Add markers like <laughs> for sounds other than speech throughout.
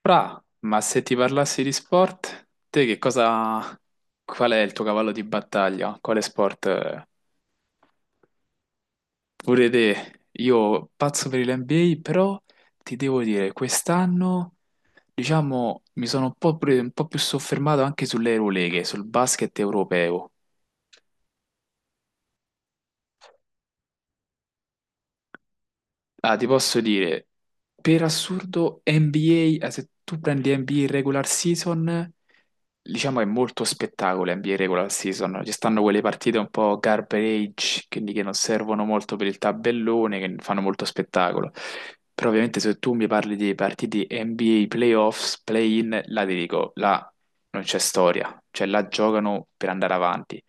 Fra, ma se ti parlassi di sport, te che cosa... Qual è il tuo cavallo di battaglia? Quale sport? Pure te, io pazzo per l'NBA, però ti devo dire, quest'anno, diciamo, mi sono un po' più soffermato anche sulle Euroleghe, sul basket europeo. Ah, ti posso dire, per assurdo, NBA, se tu prendi NBA regular season, diciamo è molto spettacolo NBA regular season. Ci stanno quelle partite un po' garbage, quindi che non servono molto per il tabellone, che fanno molto spettacolo. Però ovviamente se tu mi parli di partite NBA playoffs, play-in, là ti dico, là non c'è storia, cioè là giocano per andare avanti.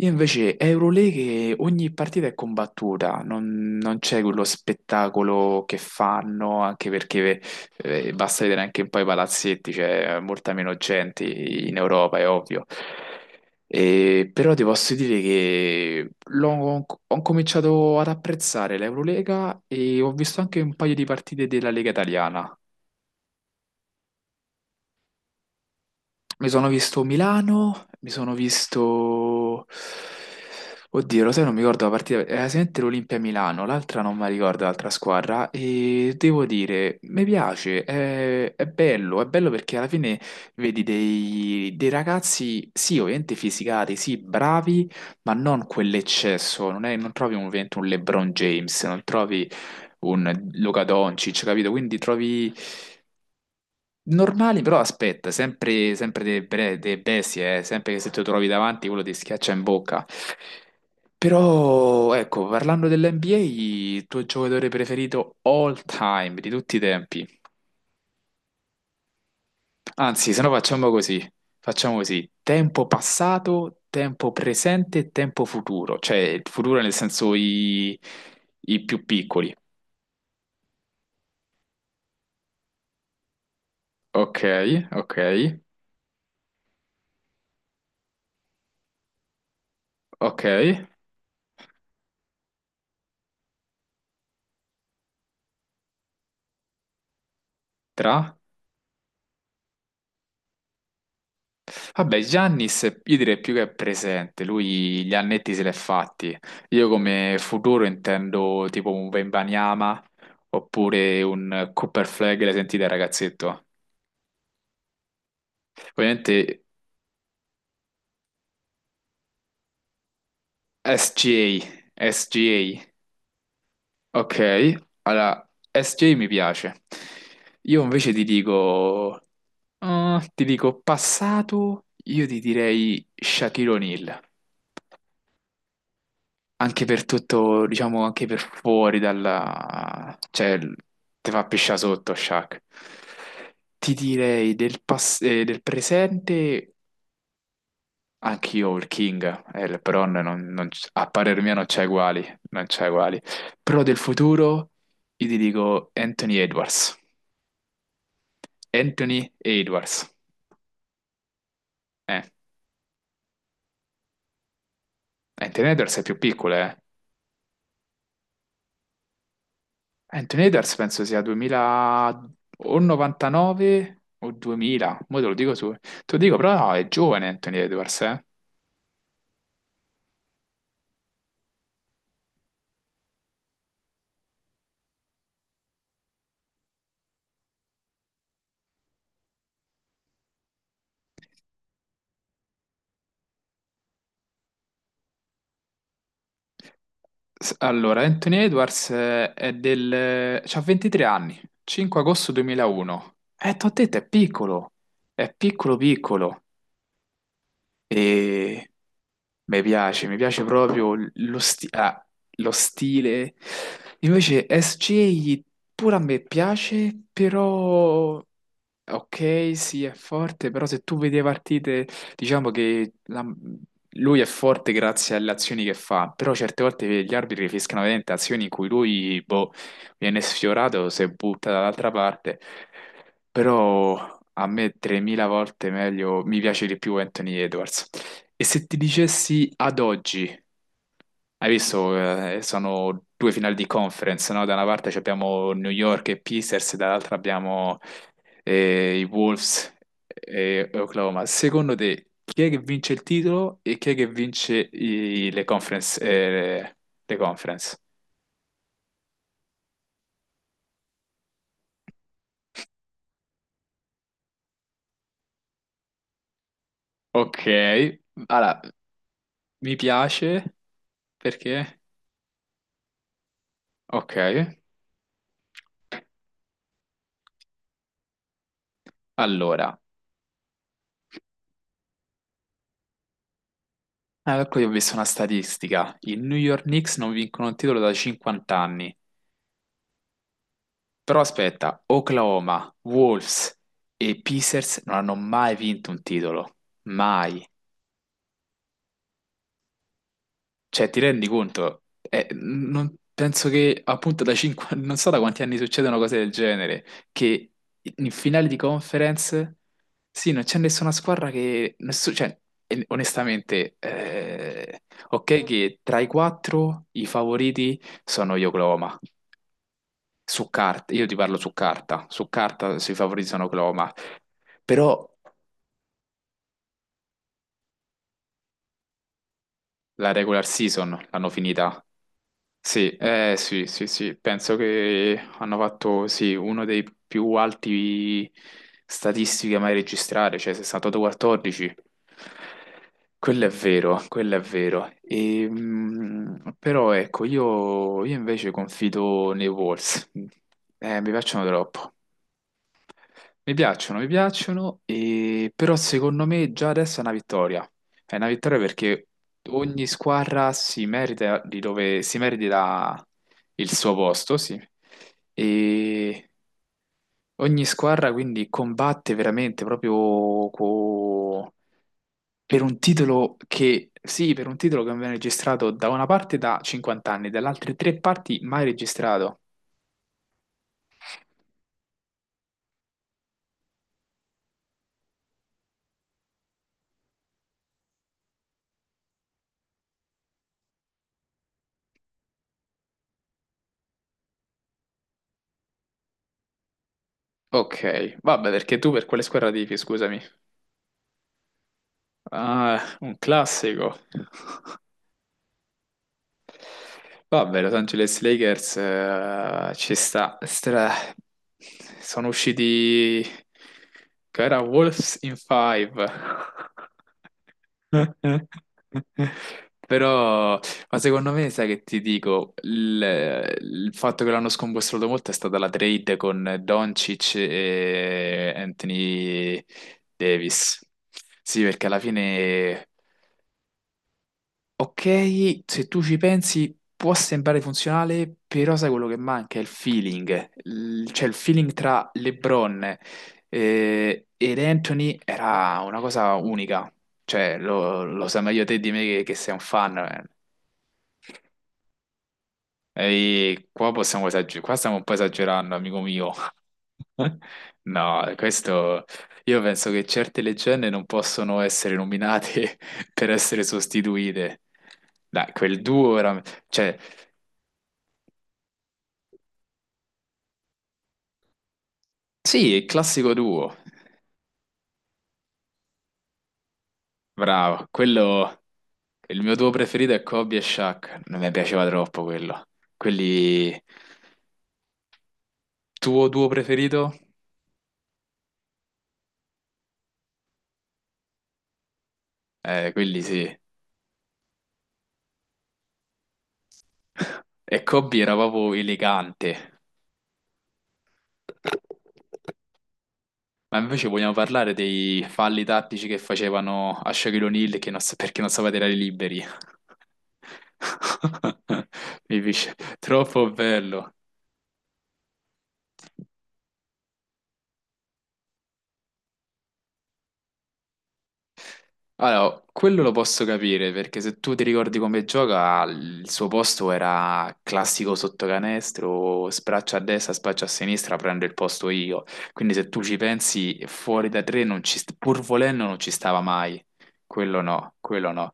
Io invece Euroleague ogni partita è combattuta, non c'è quello spettacolo che fanno, anche perché basta vedere anche un po' i palazzetti, c'è molta meno gente in Europa, è ovvio. E, però ti posso dire che ho cominciato ad apprezzare l'Eurolega e ho visto anche un paio di partite della Lega Italiana. Mi sono visto Milano, mi sono visto... Oddio, lo sai, non mi ricordo la partita, era sicuramente l'Olimpia Milano, l'altra non mi ricordo, l'altra squadra, e devo dire, mi piace, è bello, è bello perché alla fine vedi dei ragazzi, sì, ovviamente fisicati, sì, bravi, ma non quell'eccesso, non, non trovi ovviamente un LeBron James, non trovi un Luca Doncic, capito? Quindi trovi... Normali, però aspetta, sempre, sempre dei bestie, sempre che se ti trovi davanti quello ti schiaccia in bocca. Però, ecco, parlando dell'NBA, il tuo giocatore preferito all time, di tutti i tempi. Anzi, se no facciamo così, tempo passato, tempo presente e tempo futuro, cioè il futuro nel senso i più piccoli. Ok, ok, ok, tra... Vabbè, Giannis io direi più che è presente, lui gli annetti se l'è fatti. Io come futuro intendo tipo un Wembanyama oppure un Cooper Flag, l'hai sentita ragazzetto? Ovviamente SGA, SGA, ok, allora SGA mi piace. Io invece ti dico passato, io ti direi Shaquille O'Neal. Anche per tutto, diciamo, anche per fuori dalla... cioè, te fa pisciare sotto, Shaq. Ti direi del presente, anch'io il King, LeBron, non, non c- a parer mio non c'è uguali, non c'è uguali. Però del futuro, io ti dico Anthony Edwards. Anthony Edwards. Eh, Anthony Edwards è più piccolo, eh. Anthony Edwards penso sia 2000 o 99 o 2000, mo te lo dico su. Te lo dico, però no, è giovane Anthony Edwards, eh. Allora, Anthony Edwards è del... c'ha 23 anni, 5 agosto 2001. T'ho detto, è piccolo piccolo. E mi piace proprio lo stile. Invece SJ pure a me piace, però ok, sì, è forte, però se tu vedi le partite, diciamo che lui è forte grazie alle azioni che fa, però certe volte gli arbitri fischiano veramente azioni in cui lui, boh, viene sfiorato, si butta dall'altra parte, però a me 3000 volte meglio, mi piace di più Anthony Edwards. E se ti dicessi ad oggi? Hai visto, sono due finali di conference, no? Da una parte ci abbiamo New York e Pacers, dall'altra abbiamo i Wolves e Oklahoma. Secondo te, chi è che vince il titolo e chi è che vince le conference, le conference? Ok, allora, mi piace perché... Ok, allora, ecco io ho visto una statistica. I New York Knicks non vincono il titolo da 50 anni. Però aspetta, Oklahoma, Wolves e Pacers non hanno mai vinto un titolo, mai. Cioè, ti rendi conto? Penso che appunto da 5, <laughs> non so da quanti anni succedono cose del genere, che in finale di conference, sì, non c'è nessuna squadra che... cioè, onestamente, ok che tra i quattro i favoriti sono gli Oklahoma, su carta, io ti parlo su carta i favoriti sono Oklahoma. Però la regular season l'hanno finita. Sì, sì, sì, sì, penso che hanno fatto sì, uno dei più alti statistiche mai registrare, cioè 68-14. Quello è vero, quello è vero. E, però ecco, io invece confido nei Wolves. Mi piacciono troppo. Mi piacciono, però secondo me già adesso è una vittoria. È una vittoria perché ogni squadra si merita di dove si merita il suo posto, sì. E ogni squadra quindi combatte veramente proprio per un titolo che, sì, per un titolo che non viene registrato da una parte da 50 anni, dalle altre tre parti mai registrato. Ok, vabbè, perché tu per quale squadra tifi, scusami? Ah, un classico. Vabbè, Los Angeles Lakers ci sta. Sono usciti che era Wolves in Five. <laughs> Però, ma secondo me, sai che ti dico, il fatto che l'hanno scombussolato molto è stata la trade con Doncic e Anthony Davis. Sì, perché alla fine. Ok, se tu ci pensi può sembrare funzionale, però sai quello che manca? È il feeling. Cioè il feeling tra LeBron ed Anthony era una cosa unica. Cioè lo sai meglio te di me che sei un fan. Eh. E qua possiamo esagerare, qua stiamo un po' esagerando, amico mio. No, questo io penso che certe leggende non possono essere nominate <laughs> per essere sostituite. Dai, quel duo era... Cioè, sì, il classico duo. Bravo, quello... Il mio duo preferito è Kobe e Shaq. Non mi piaceva troppo quello. Quelli... Tuo duo preferito? Quelli sì. <laughs> E Kobe era proprio elegante. Ma invece vogliamo parlare dei falli tattici che facevano a Shaquille O'Neal che non sa- perché non sapeva tirare liberi. <laughs> Mi dice, troppo bello. Allora, quello lo posso capire perché se tu ti ricordi come gioca, il suo posto era classico sottocanestro, spraccia a destra, spraccia a sinistra, prendo il posto io. Quindi se tu ci pensi, fuori da tre, non ci st- pur volendo, non ci stava mai. Quello no, quello no.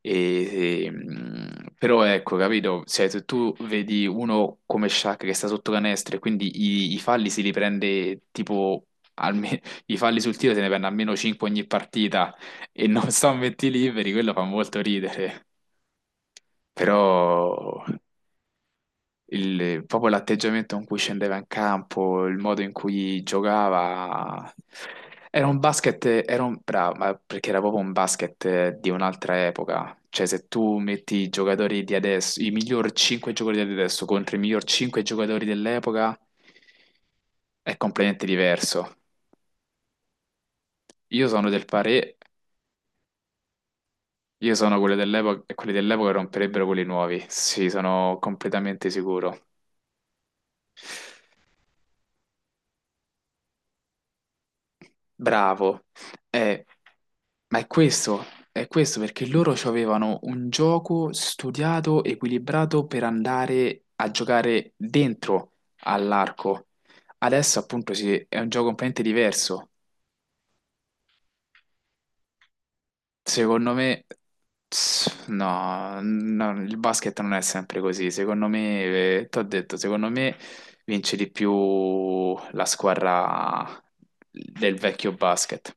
E, però ecco, capito? Cioè, se tu vedi uno come Shaq che sta sotto canestro e quindi i falli si li prende tipo alme- <laughs> i falli sul tiro se ne prende almeno 5 ogni partita e non <laughs> sto metti liberi, quello fa molto ridere, però proprio l'atteggiamento con cui scendeva in campo, il modo in cui giocava, era un basket, bravo, ma perché era proprio un basket di un'altra epoca. Cioè, se tu metti i giocatori di adesso, i miglior 5 giocatori di adesso contro i miglior 5 giocatori dell'epoca, è completamente diverso. Io sono del parere. Io sono quelli dell'epoca e quelli dell'epoca romperebbero quelli nuovi. Sì, sono completamente sicuro. Bravo. Eh, ma è questo perché loro avevano un gioco studiato, equilibrato per andare a giocare dentro all'arco. Adesso appunto sì, è un gioco completamente diverso. Secondo me, no, no, il basket non è sempre così. Secondo me, ti ho detto, secondo me vince di più la squadra del vecchio basket.